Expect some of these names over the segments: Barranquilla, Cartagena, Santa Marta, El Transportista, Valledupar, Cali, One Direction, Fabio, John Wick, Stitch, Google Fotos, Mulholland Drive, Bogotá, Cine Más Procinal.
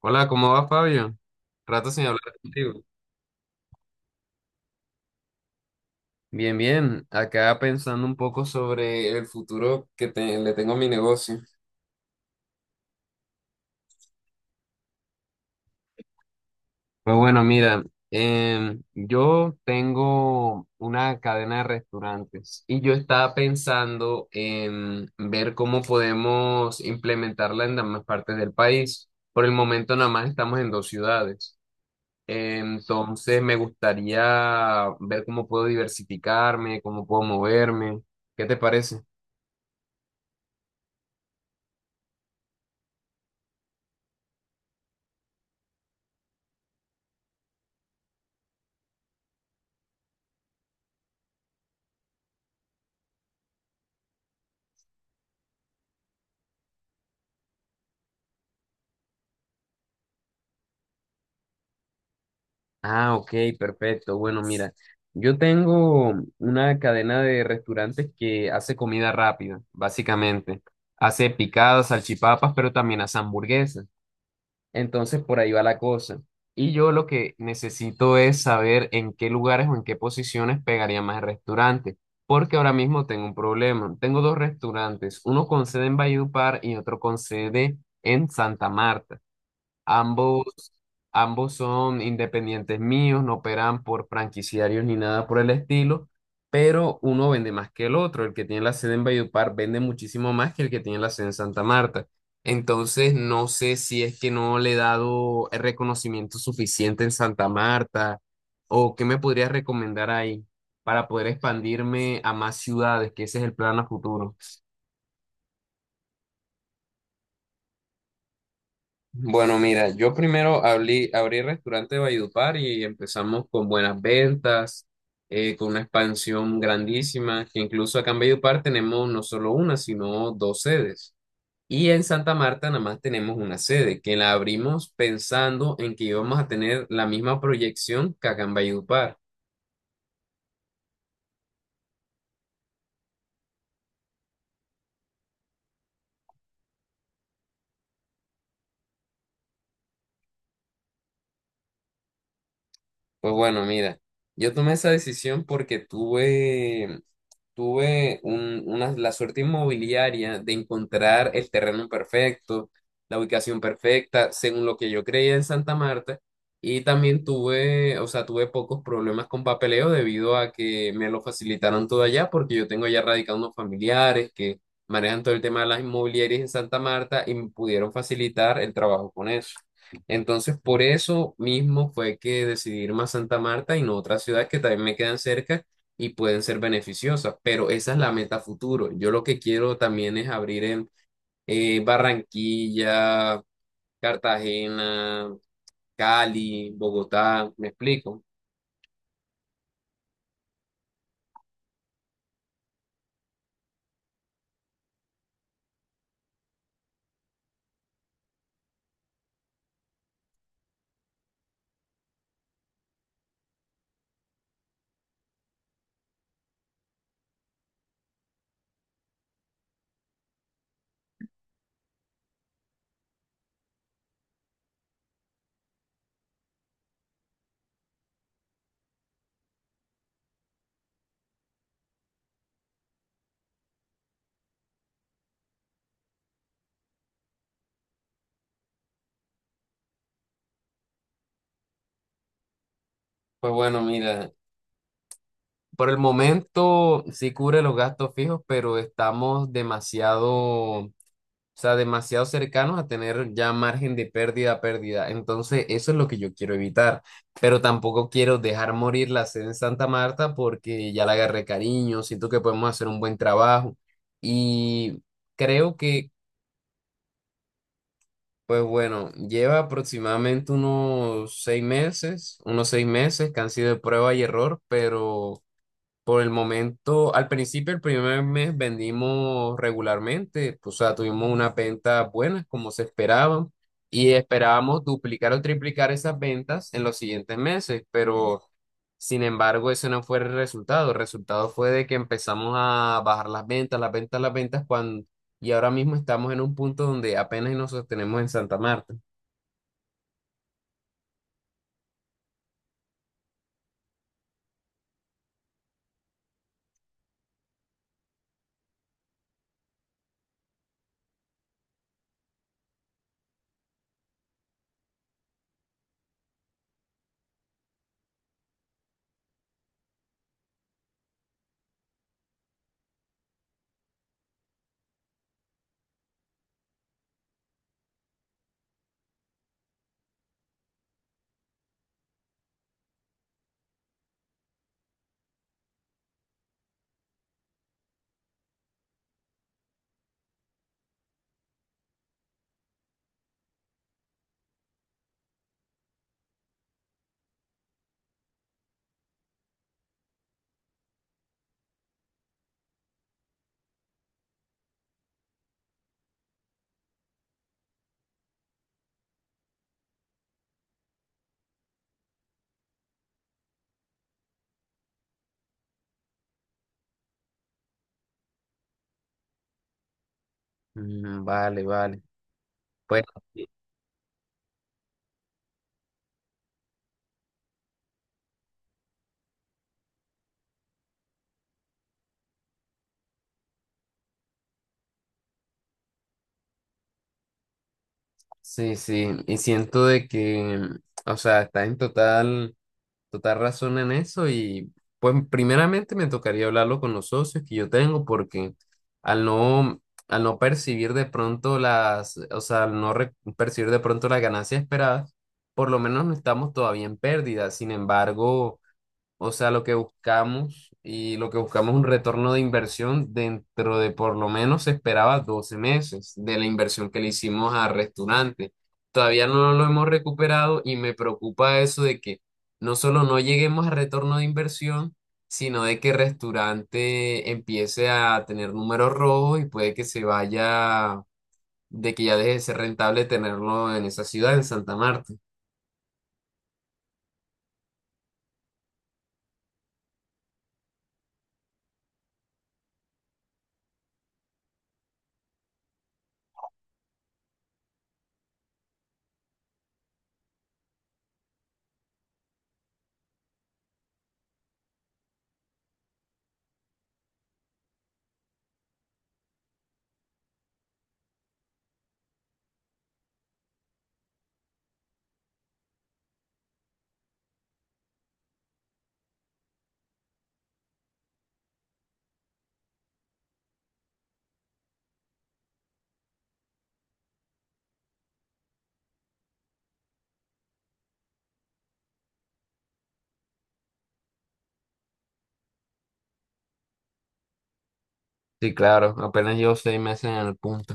Hola, ¿cómo va Fabio? Rato sin hablar contigo. Bien, bien. Acá pensando un poco sobre el futuro que le tengo a mi negocio. Pues bueno, mira, yo tengo una cadena de restaurantes y yo estaba pensando en ver cómo podemos implementarla en las demás partes del país. Por el momento nada más estamos en 2 ciudades. Entonces me gustaría ver cómo puedo diversificarme, cómo puedo moverme. ¿Qué te parece? Ah, ok, perfecto. Bueno, mira, yo tengo una cadena de restaurantes que hace comida rápida, básicamente. Hace picadas, salchipapas, pero también hace hamburguesas. Entonces, por ahí va la cosa. Y yo lo que necesito es saber en qué lugares o en qué posiciones pegaría más el restaurante, porque ahora mismo tengo un problema. Tengo 2 restaurantes, uno con sede en Valledupar y otro con sede en Santa Marta. Ambos, ambos son independientes míos, no operan por franquiciarios ni nada por el estilo, pero uno vende más que el otro. El que tiene la sede en Valledupar vende muchísimo más que el que tiene la sede en Santa Marta. Entonces, no sé si es que no le he dado el reconocimiento suficiente en Santa Marta o qué me podrías recomendar ahí para poder expandirme a más ciudades, que ese es el plan a futuro. Bueno, mira, yo primero abrí restaurante de Valledupar y empezamos con buenas ventas, con una expansión grandísima, que incluso acá en Valledupar tenemos no solo una, sino 2 sedes. Y en Santa Marta nada más tenemos una sede, que la abrimos pensando en que íbamos a tener la misma proyección que acá en Valledupar. Pues bueno, mira, yo tomé esa decisión porque tuve una, la suerte inmobiliaria de encontrar el terreno perfecto, la ubicación perfecta, según lo que yo creía en Santa Marta. Y también tuve, o sea, tuve pocos problemas con papeleo debido a que me lo facilitaron todo allá, porque yo tengo ya radicados unos familiares que manejan todo el tema de las inmobiliarias en Santa Marta y me pudieron facilitar el trabajo con eso. Entonces, por eso mismo fue que decidí irme a Santa Marta y no a otras ciudades que también me quedan cerca y pueden ser beneficiosas, pero esa es la meta futuro. Yo lo que quiero también es abrir en Barranquilla, Cartagena, Cali, Bogotá, ¿me explico? Pues bueno, mira, por el momento sí cubre los gastos fijos, pero estamos demasiado. O sea, demasiado cercanos a tener ya margen de pérdida. Entonces, eso es lo que yo quiero evitar. Pero tampoco quiero dejar morir la sede en Santa Marta porque ya la agarré cariño, siento que podemos hacer un buen trabajo. Y creo que, pues bueno, lleva aproximadamente unos 6 meses, unos seis meses que han sido de prueba y error, pero por el momento, al principio, el primer mes vendimos regularmente, o sea, tuvimos una venta buena como se esperaba y esperábamos duplicar o triplicar esas ventas en los siguientes meses, pero sin embargo, ese no fue el resultado. El resultado fue de que empezamos a bajar las ventas, las ventas, las ventas, cuando, y ahora mismo estamos en un punto donde apenas nos sostenemos en Santa Marta. Mm, vale, vale. Pues sí, sí, y siento de que, o sea, está en total total razón en eso y pues primeramente me tocaría hablarlo con los socios que yo tengo porque al no, al no percibir de pronto las, o sea, al no percibir de pronto las ganancias esperadas, por lo menos no estamos todavía en pérdida. Sin embargo, o sea, lo que buscamos es un retorno de inversión dentro de por lo menos se esperaba 12 meses de la inversión que le hicimos al restaurante. Todavía no lo hemos recuperado y me preocupa eso de que no solo no lleguemos a retorno de inversión, sino de que el restaurante empiece a tener números rojos y puede que se vaya, de que ya deje de ser rentable tenerlo en esa ciudad, en Santa Marta. Sí, claro, apenas llevo 6 meses en el punto.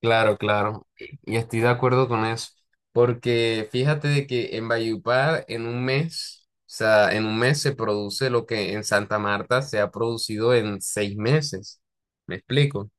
Claro, claro. Y estoy de acuerdo con eso. Porque fíjate de que en Valledupar en un mes, o sea, en un mes se produce lo que en Santa Marta se ha producido en 6 meses. ¿Me explico?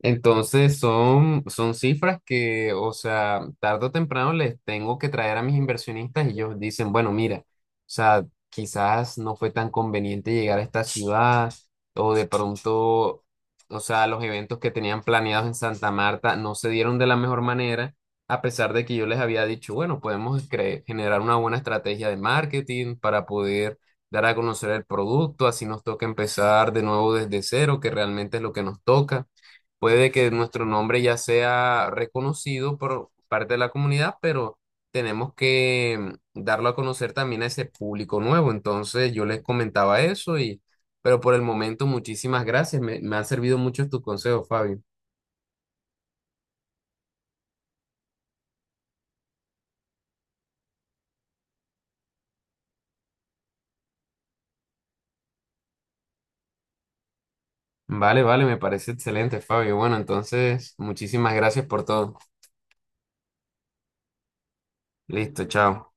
Entonces son, son cifras que, o sea, tarde o temprano les tengo que traer a mis inversionistas y ellos dicen, bueno, mira, o sea, quizás no fue tan conveniente llegar a esta ciudad o de pronto, o sea, los eventos que tenían planeados en Santa Marta no se dieron de la mejor manera, a pesar de que yo les había dicho, bueno, podemos generar una buena estrategia de marketing para poder dar a conocer el producto, así nos toca empezar de nuevo desde cero, que realmente es lo que nos toca. Puede que nuestro nombre ya sea reconocido por parte de la comunidad, pero tenemos que darlo a conocer también a ese público nuevo. Entonces yo les comentaba eso y, pero por el momento, muchísimas gracias. Me han servido mucho tus consejos, Fabio. Vale, vale, me parece excelente, Fabio. Bueno, entonces, muchísimas gracias por todo. Listo, chao.